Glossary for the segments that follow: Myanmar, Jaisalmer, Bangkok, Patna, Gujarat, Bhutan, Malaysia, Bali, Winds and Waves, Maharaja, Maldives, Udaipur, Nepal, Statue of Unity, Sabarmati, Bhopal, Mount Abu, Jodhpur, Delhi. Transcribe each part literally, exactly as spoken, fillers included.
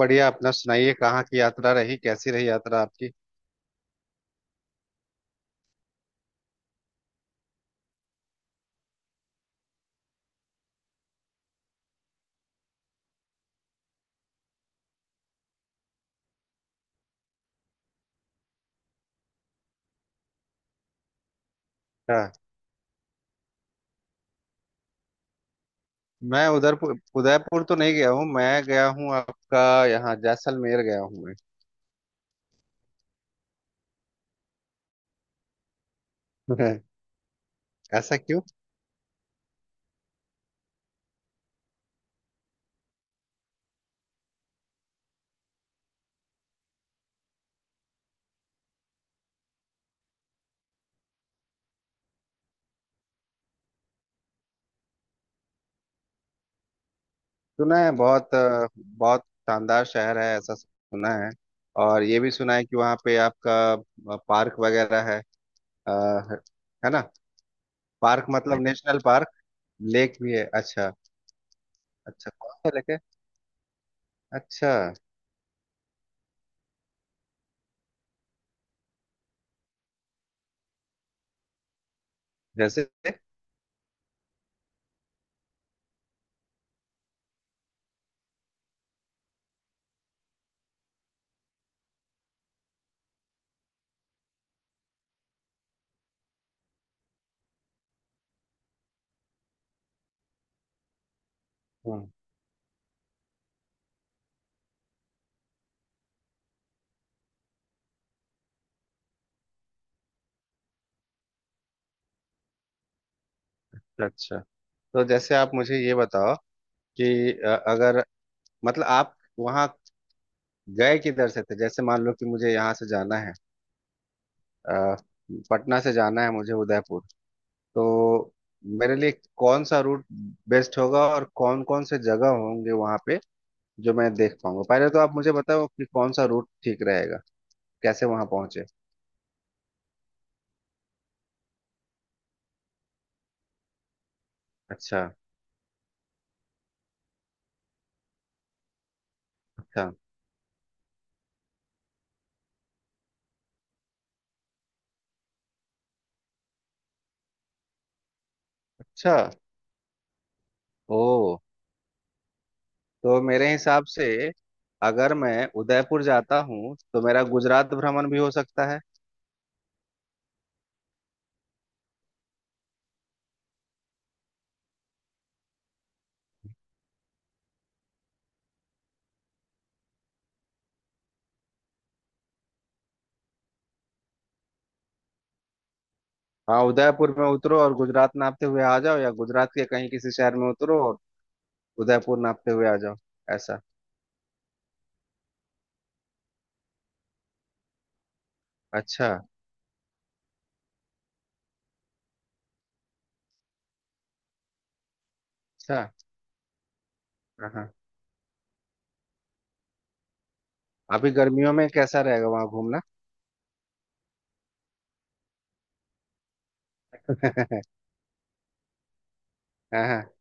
बढ़िया। अपना सुनाइए, कहाँ की यात्रा रही? कैसी रही यात्रा आपकी? हाँ। मैं उधरपुर उदयपुर तो नहीं गया हूँ, मैं गया हूँ आपका यहाँ जैसलमेर गया हूँ। मैं। ऐसा क्यों? सुना है बहुत, अ, बहुत शानदार शहर है, ऐसा सुना है। और ये भी सुना है कि वहाँ पे आपका अ, पार्क वगैरह है। अ, है। है ना? पार्क मतलब नेशनल पार्क। लेक भी है? अच्छा। अच्छा, कौन सा लेक है? अच्छा। जैसे? हम्म। अच्छा, तो जैसे आप मुझे ये बताओ कि अ, अगर मतलब आप वहाँ गए किधर से थे? जैसे मान लो कि मुझे यहाँ से जाना है, अ, पटना से जाना है मुझे उदयपुर। तो मेरे लिए कौन सा रूट बेस्ट होगा और कौन कौन से जगह होंगे वहाँ पे जो मैं देख पाऊंगा? पहले तो आप मुझे बताओ कि कौन सा रूट ठीक रहेगा, कैसे वहाँ पहुंचे। अच्छा। अच्छा। अच्छा। ओ, तो मेरे हिसाब से अगर मैं उदयपुर जाता हूँ तो मेरा गुजरात भ्रमण भी हो सकता है। हाँ, उदयपुर में उतरो और गुजरात नापते हुए आ जाओ, या गुजरात के कहीं किसी शहर में उतरो और उदयपुर नापते हुए आ जाओ। ऐसा। अच्छा। अच्छा। हाँ, हाँ। अभी गर्मियों में कैसा रहेगा वहां घूमना? हाँ, हाँ।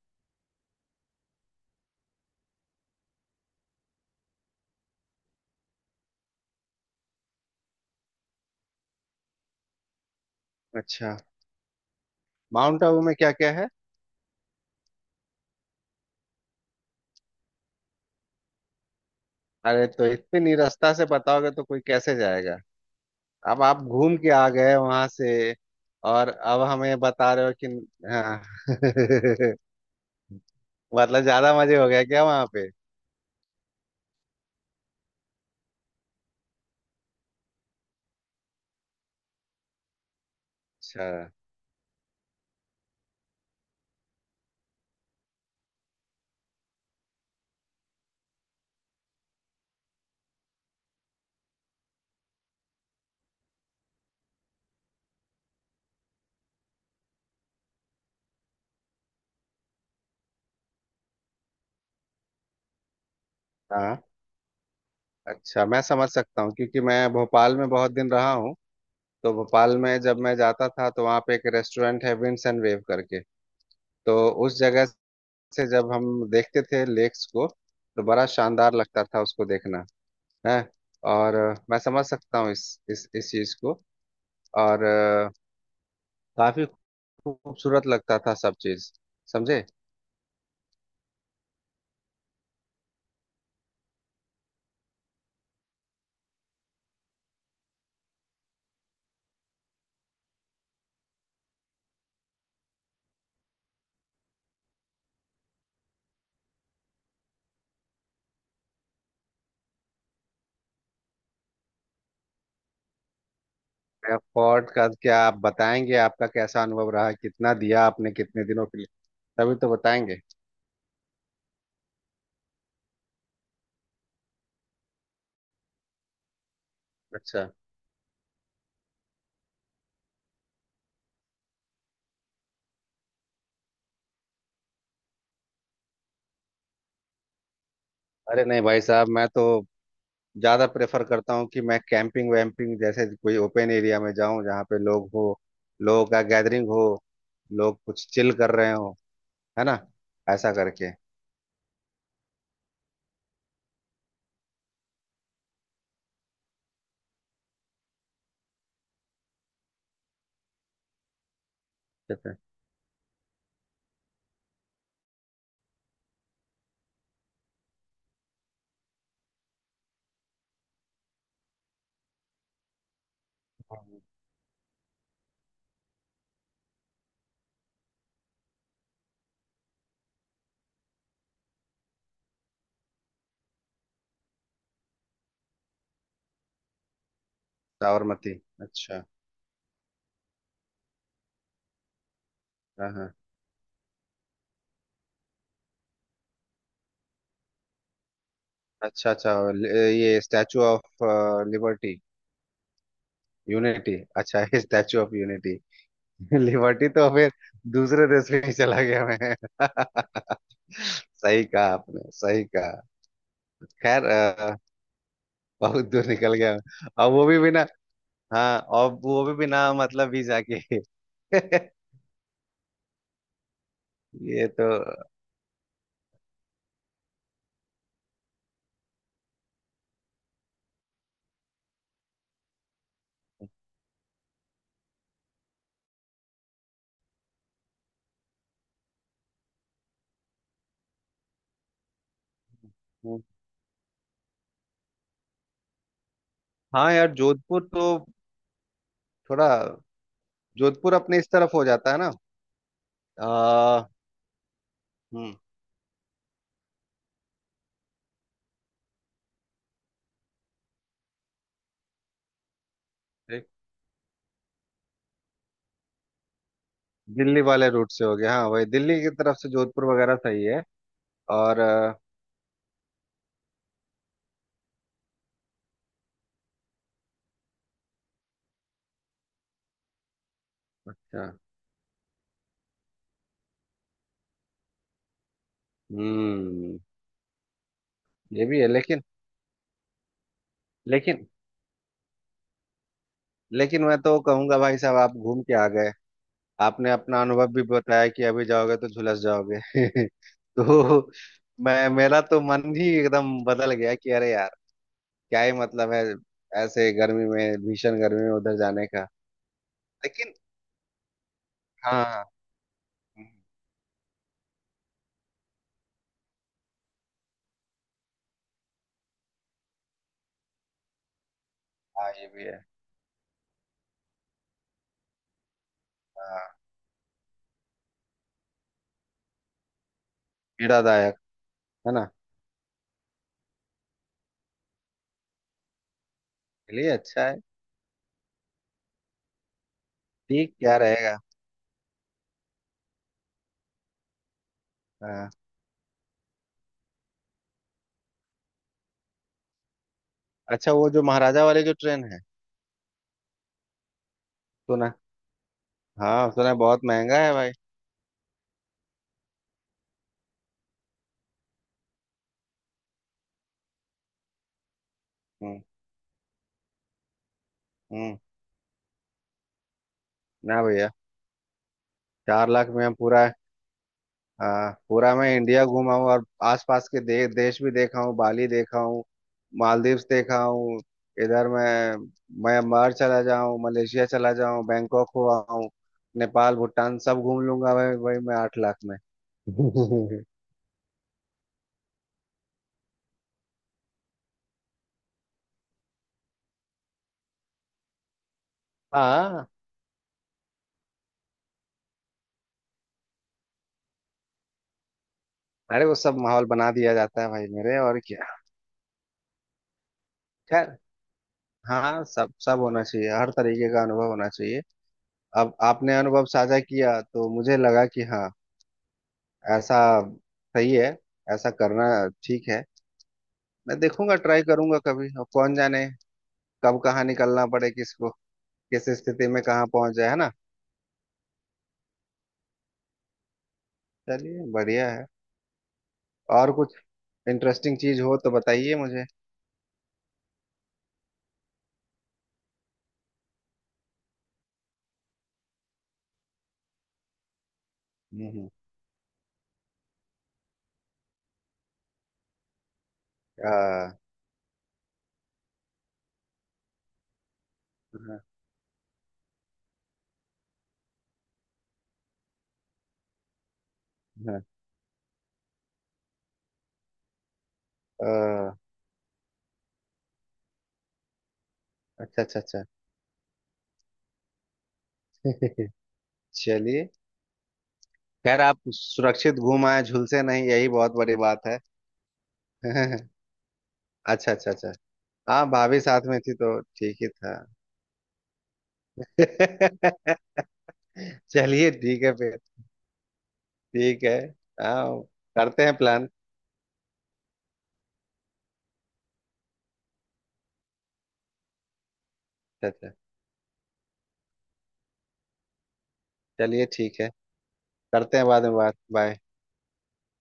अच्छा। माउंट आबू में क्या क्या है? अरे तो इतनी रास्ता से बताओगे तो कोई कैसे जाएगा? अब आप घूम के आ गए वहां से और अब हमें बता रहे हो कि। हाँ। मतलब ज्यादा मजे हो गया क्या वहां पे? अच्छा। हाँ। अच्छा, मैं समझ सकता हूँ क्योंकि मैं भोपाल में बहुत दिन रहा हूँ। तो भोपाल में जब मैं जाता था तो वहाँ पे एक रेस्टोरेंट है विंड्स एंड वेव करके। तो उस जगह से जब हम देखते थे लेक्स को तो बड़ा शानदार लगता था उसको देखना। है। और अ, मैं समझ सकता हूँ इस इस इस चीज को। और अ, काफी खूबसूरत लगता था सब चीज। समझे? फोर्ट का क्या आप बताएंगे? आपका कैसा अनुभव रहा? कितना दिया आपने, कितने दिनों के लिए? तभी तो बताएंगे। अच्छा। अरे नहीं भाई साहब, मैं तो ज्यादा प्रेफर करता हूँ कि मैं कैंपिंग वैम्पिंग जैसे कोई ओपन एरिया में जाऊं, जहाँ पे लोग हो, लोगों का गैदरिंग हो, लोग कुछ चिल कर रहे हो। है ना? ऐसा करके। ठीक है। हाँ। साबरमती। अच्छा। हाँ, हाँ। अच्छा। अच्छा ल-। ये स्टैचू ऑफ लिबर्टी। यूनिटी। अच्छा। ये स्टैचू ऑफ यूनिटी। लिबर्टी तो फिर दूसरे देश में ही चला गया मैं। सही कहा आपने, सही कहा। खैर, अ, बहुत दूर निकल गया। अब वो भी बिना। हाँ, और वो भी बिना मतलब वीजा के। ये तो। हम्म। हाँ यार, जोधपुर तो थोड़ा। जोधपुर अपने इस तरफ हो जाता है ना? आ। हम्म। एक दिल्ली वाले रूट से हो गया। हाँ, वही दिल्ली की तरफ से जोधपुर वगैरह सही है। और अ, अच्छा। हम्म। ये भी है, लेकिन। लेकिन लेकिन मैं तो कहूंगा भाई साहब, आप घूम के आ गए, आपने अपना अनुभव भी बताया कि अभी जाओगे तो झुलस जाओगे। तो मैं मेरा तो मन ही एकदम बदल गया कि अरे यार, क्या ही मतलब है ऐसे गर्मी में, भीषण गर्मी में उधर जाने का। लेकिन हाँ। हम्म। हाँ, ये भी है। हाँ, पीड़ादायक। है ना? चलिए, अच्छा है। ठीक क्या रहेगा? हाँ। अच्छा, वो जो महाराजा वाली जो ट्रेन है? सुना? हाँ, सुना है बहुत महंगा है भाई। हम्म, हम्म। ना भैया। चार लाख में हम पूरा। हाँ, पूरा मैं इंडिया घूमा हूँ और आसपास के दे, देश भी देखा हूँ, बाली देखा हूँ, मालदीव्स देखा हूँ। इधर मैं म्यांमार चला जाऊँ, मलेशिया चला जाऊँ, बैंकॉक हुआ हूँ। नेपाल, भूटान सब घूम लूंगा भाई। भाई मैं आठ लाख में। हाँ। अरे, वो सब माहौल बना दिया जाता है भाई मेरे, और क्या। खैर। हाँ, सब सब होना चाहिए, हर तरीके का अनुभव होना चाहिए। अब आपने अनुभव साझा किया तो मुझे लगा कि हाँ, ऐसा सही है, ऐसा करना ठीक है। मैं देखूंगा, ट्राई करूंगा कभी। अब कौन जाने कब कहाँ निकलना पड़े किसको, किस स्थिति में कहाँ पहुंच जाए, है ना? चलिए, बढ़िया है। और कुछ इंटरेस्टिंग चीज हो तो बताइए मुझे। हम्म, हम्म। आ। हाँ। हाँ। आ। अच्छा, अच्छा, अच्छा। चलिए। खैर, आप सुरक्षित घूम आए, झुलसे नहीं, यही बहुत बड़ी बात है। अच्छा, अच्छा, अच्छा। हाँ, भाभी साथ में थी तो ठीक ही था। चलिए ठीक है फिर। ठीक है। हाँ, करते हैं प्लान। अच्छा, अच्छा। चलिए ठीक है। करते हैं बाद में बात। बाय।